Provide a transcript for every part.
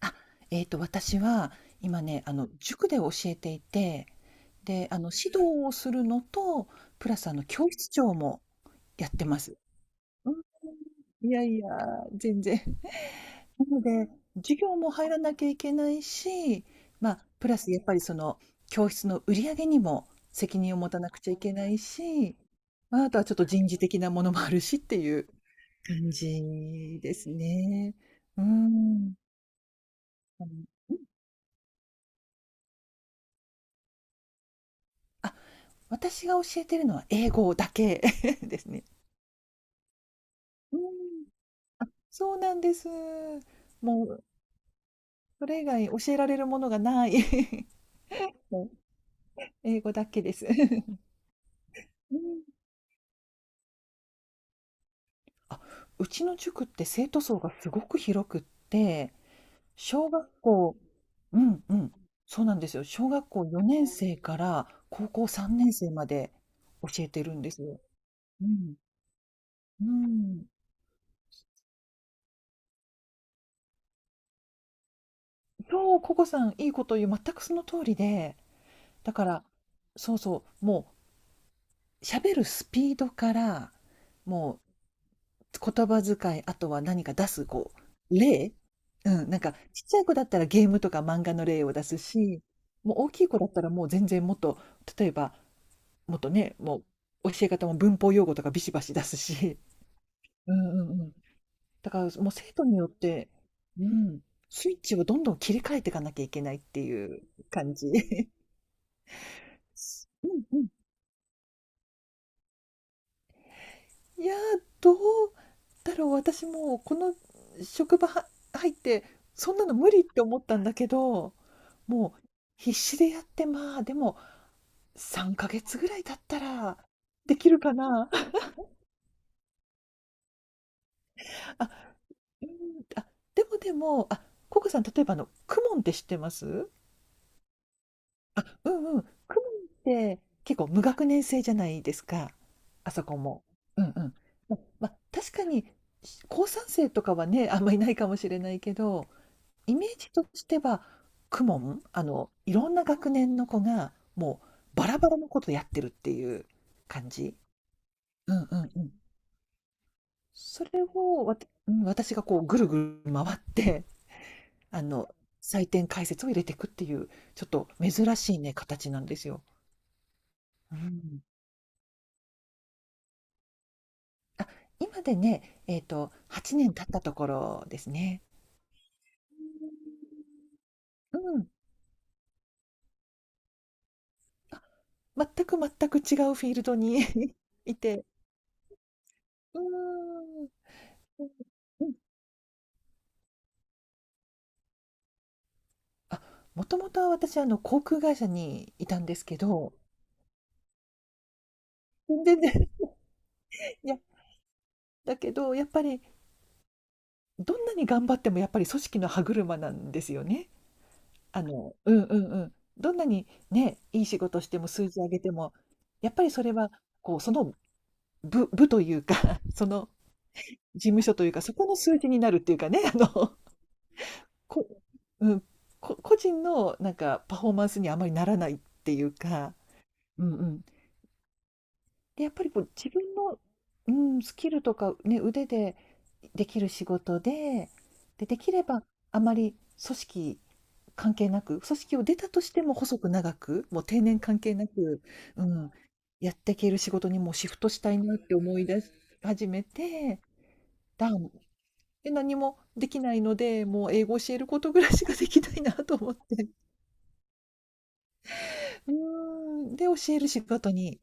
あ、私は今ね、塾で教えていて、で、指導をするのと、プラス教室長もやってます。うん、いやいや、全然。なので、授業も入らなきゃいけないし、まあ、プラスやっぱり教室の売り上げにも責任を持たなくちゃいけないし、まあ、あとはちょっと人事的なものもあるしっていう感じですね。うん。あのうん。あ、私が教えてるのは英語だけ ですね。うん。あ。そうなんです。もうそれ以外教えられるものがない。もう英語だけです。うん。あ、うちの塾って生徒層がすごく広くって、小学校、うんうん。そうなんですよ。小学校4年生から高校3年生まで教えてるんですよ。うん。うん。そう、ココさんいいこと言う。全くその通りで、だから、そうそう、もう喋るスピードから、もう言葉遣い、あとは何か出す、う、例うん、なんかちっちゃい子だったらゲームとか漫画の例を出すし、もう大きい子だったらもう全然もっと、例えば、もっとね、もう教え方も文法用語とかビシバシ出すし。うんうんうん。だからもう生徒によって、うん、スイッチをどんどん切り替えていかなきゃいけないっていう感じ。うんうん。いやー、どうだろう、私もうこの職場は入って、そんなの無理って思ったんだけど、もう必死でやって、まあでも3ヶ月ぐらい経ったらできるかな。 あ、うん、あ、でも、あ、ココさん、例えば、あのクモンって知ってます？あ、うんうん、クモンって結構無学年制じゃないですか？あそこも、うんうん、ま、確かに高3生とかはね、あんまいないかもしれないけど、イメージとしては、公文、いろんな学年の子が、もうバラバラのことやってるっていう感じ。うんうんうん。それを、わたうん、私がこうぐるぐる回って、あの、採点解説を入れていくっていう、ちょっと珍しいね、形なんですよ。うん。あ、今でね、8年経ったところですね。うん。あ、全く全く違うフィールドに いて。うんうん、あ、もともとは私、航空会社にいたんですけど、全然、いや、だけど、やっぱり、どんなに頑張ってもやっぱり組織の歯車なんですよね。あの、うんうんうん。どんなにね、いい仕事しても数字上げても、やっぱりそれは、こう、その部というか、その事務所というか、そこの数字になるっていうかね、こ、うん、個人のなんかパフォーマンスにあまりならないっていうか、うんうん。で、やっぱりこう自分の、うん、スキルとか、ね、腕でできる仕事で、で、きればあまり組織関係なく、組織を出たとしても細く長く、もう定年関係なく、うん、やっていける仕事にもうシフトしたいなって思い出し始めて、だんで、何もできないので、もう英語教えることぐらいしかできないなと思って。うーん、で、教える仕事に、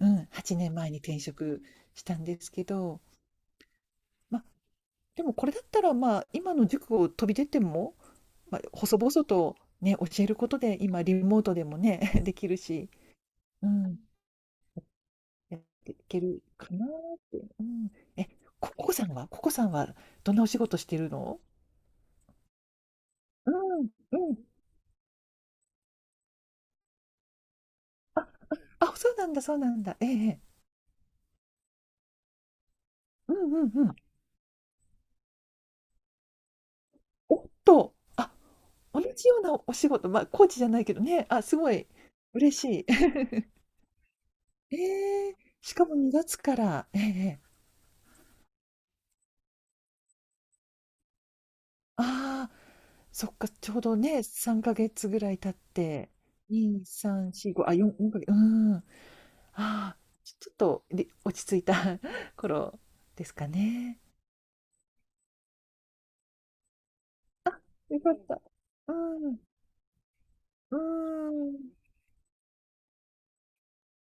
うん、8年前に転職したんですけど、ま、でもこれだったら、まあ今の塾を飛び出ても、まあ、細々とね教えることで今リモートでもね できるし、うん、やっていけるかなーって、うん、えココさんはどんなお仕事してるの？うんうん、あ、そうなんだ、そうなんだ、ええ、うんうんうん、おっと、あ、同じようなお仕事、まあコーチじゃないけどね、あ、すごい嬉しい。 ええ、しかも2月から？ええ、ああ、そっか、ちょうどね、3ヶ月ぐらい経って、2、3、4、5、あ、4、4ヶ月、うん。ああ、ちょっと、で落ち着いた 頃ですかね。あ、よかった。うん、うん、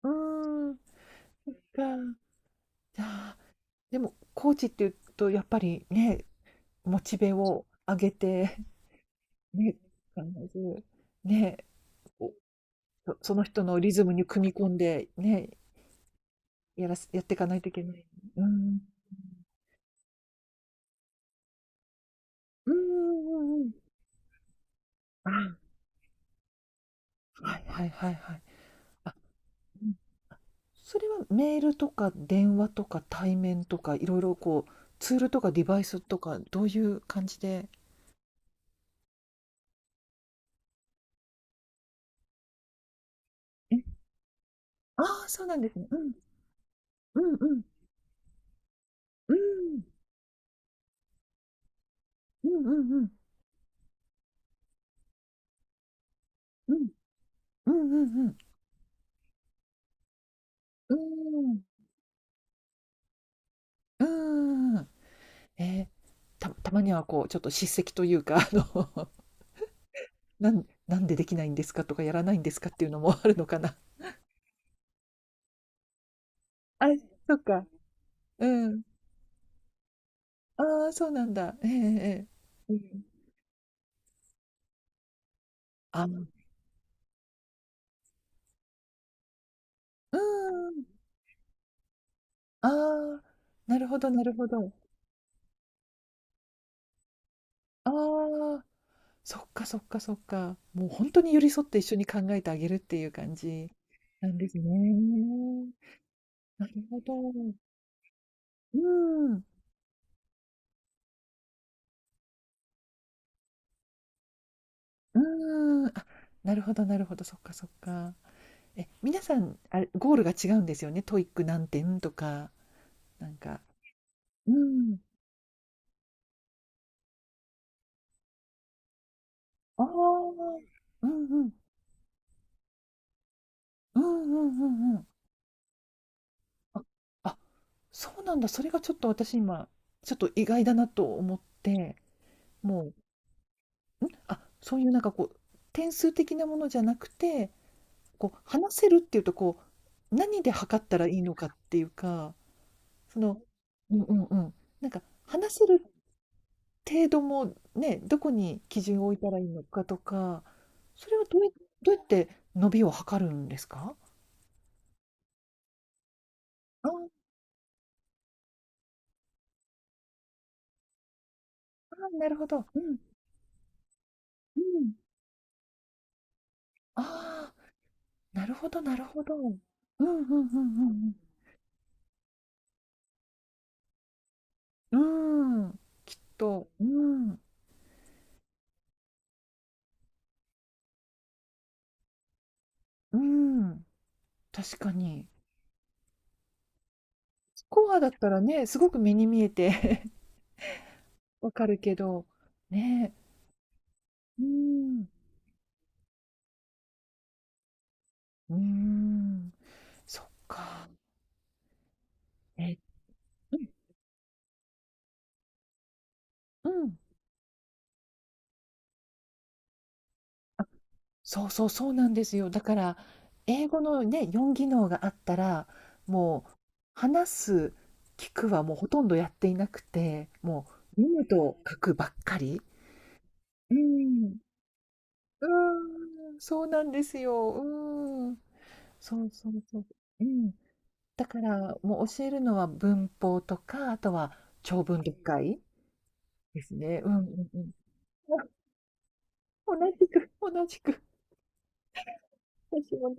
うん、か。じゃあ、でも、コーチっていうと、やっぱりね、モチベを上げて、ね、必ず、ね、こうその人のリズムに組み込んで、ね、やらす、やっていかないといけない。うんうんうんうんうん。あ、はいはいはいはい。あ、うん。それはメールとか電話とか対面とか、いろいろツールとかデバイスとか、どういう感じで？え、ああ、そうなんですね。うん。うんうん。うーん。うんうんうん。うん。うんうんうん。うん。うん。えーたまにはちょっと叱責というか、なんでできないんですかとか、やらないんですかっていうのもあるのかな。あ、そっか。うん。ああ、そうなんだ。ええええ。うん。あ、うーん。ああ、なるほどなるほど。ああ、そっかそっかそっか。もうほんとに寄り添って一緒に考えてあげるっていう感じなんですね。なるほど。うーん、うーん。あ、なるほどなるほど、そっかそっか。皆さん、あれ、ゴールが違うんですよね。トイック何点とか、なんか。うーん。ああ。うんうん。うんうんうんうん。ああ、そうなんだ。それがちょっと私今、ちょっと意外だなと思って、もう、あ、そういうなんか点数的なものじゃなくて、話せるっていうと、こう、何で測ったらいいのかっていうか、その、うんうんうん。なんか、話せる程度もね、どこに基準を置いたらいいのかとか、それはどうやって伸びを測るんですか？ああー、なるほど。うん、うん。あ、なるほどなるほど。うんうんうんうんうん。うーん、きっと、うーん、うーん、確かに。スコアだったらね、すごく目に見えて わかるけど、ね、うーん、うーん、そっか。え、うん、うん。あ、そうそう、そうなんですよ。だから、英語のね、4技能があったら、もう、話す、聞くはもうほとんどやっていなくて、もう、読むと書くばっかり。うん、うーん、そうなんですよ。うーん。そうそうそう。うん。だから、もう教えるのは文法とか、あとは長文読解ですね。うんうんうん。あ、同じく、同じく。私も、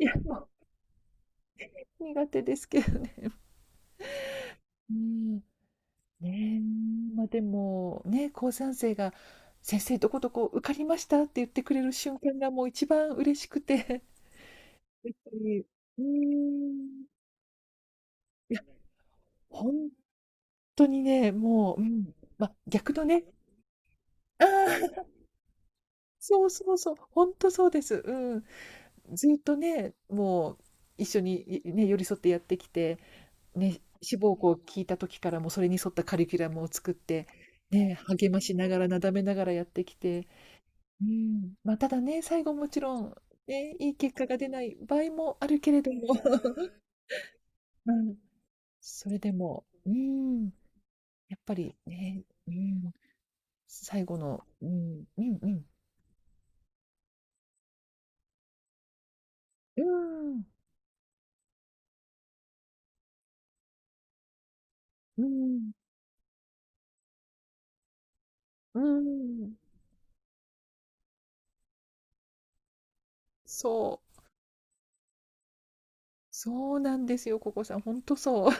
いや、もう苦手ですけど。うん。ねえ、まあでも、ね、高3生が、先生どこどこ受かりましたって言ってくれる瞬間がもう一番嬉しくて。やっぱり、うーん。いや、ほん当にね、もう、うん、まあ、逆のね、ああ、そうそうそう、本当そうです。うん。ずっとね、もう一緒に、寄り添ってやってきて、ね、志望校を聞いた時からもうそれに沿ったカリキュラムを作って、ね、励ましながら、なだめながらやってきて、うん、まあ、ただね、最後もちろん、ね、いい結果が出ない場合もあるけれども、うん、それでも、うん、やっぱりね、うん、最後の、うん、うんうん、うん、うん、うん。そう。そうなんですよ、ここさん。ほんとそう。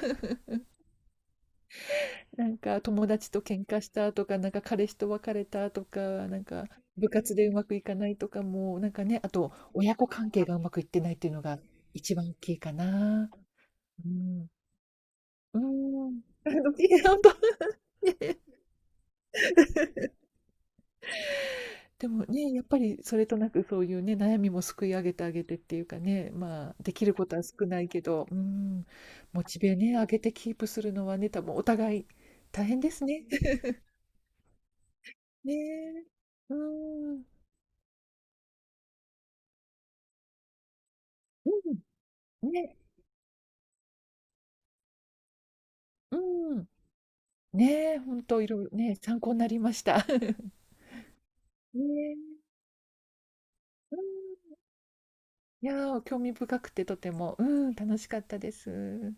なんか友達と喧嘩したとか、なんか彼氏と別れたとか、なんか部活でうまくいかないとかも、なんかね、あと親子関係がうまくいってないっていうのが一番大きいかな。うん。うん。あの、いや、ね。でもね、やっぱりそれとなくそういうね、悩みもすくい上げてあげてっていうかね、まあ、できることは少ないけど、うん、モチベね、上げてキープするのはね、多分お互い大変ですね。ねえ。うん。うん。ね。うん。ねえ、ほんといろいろね、参考になりました。ねえ。うん。いやー、興味深くてとても、うん、楽しかったです。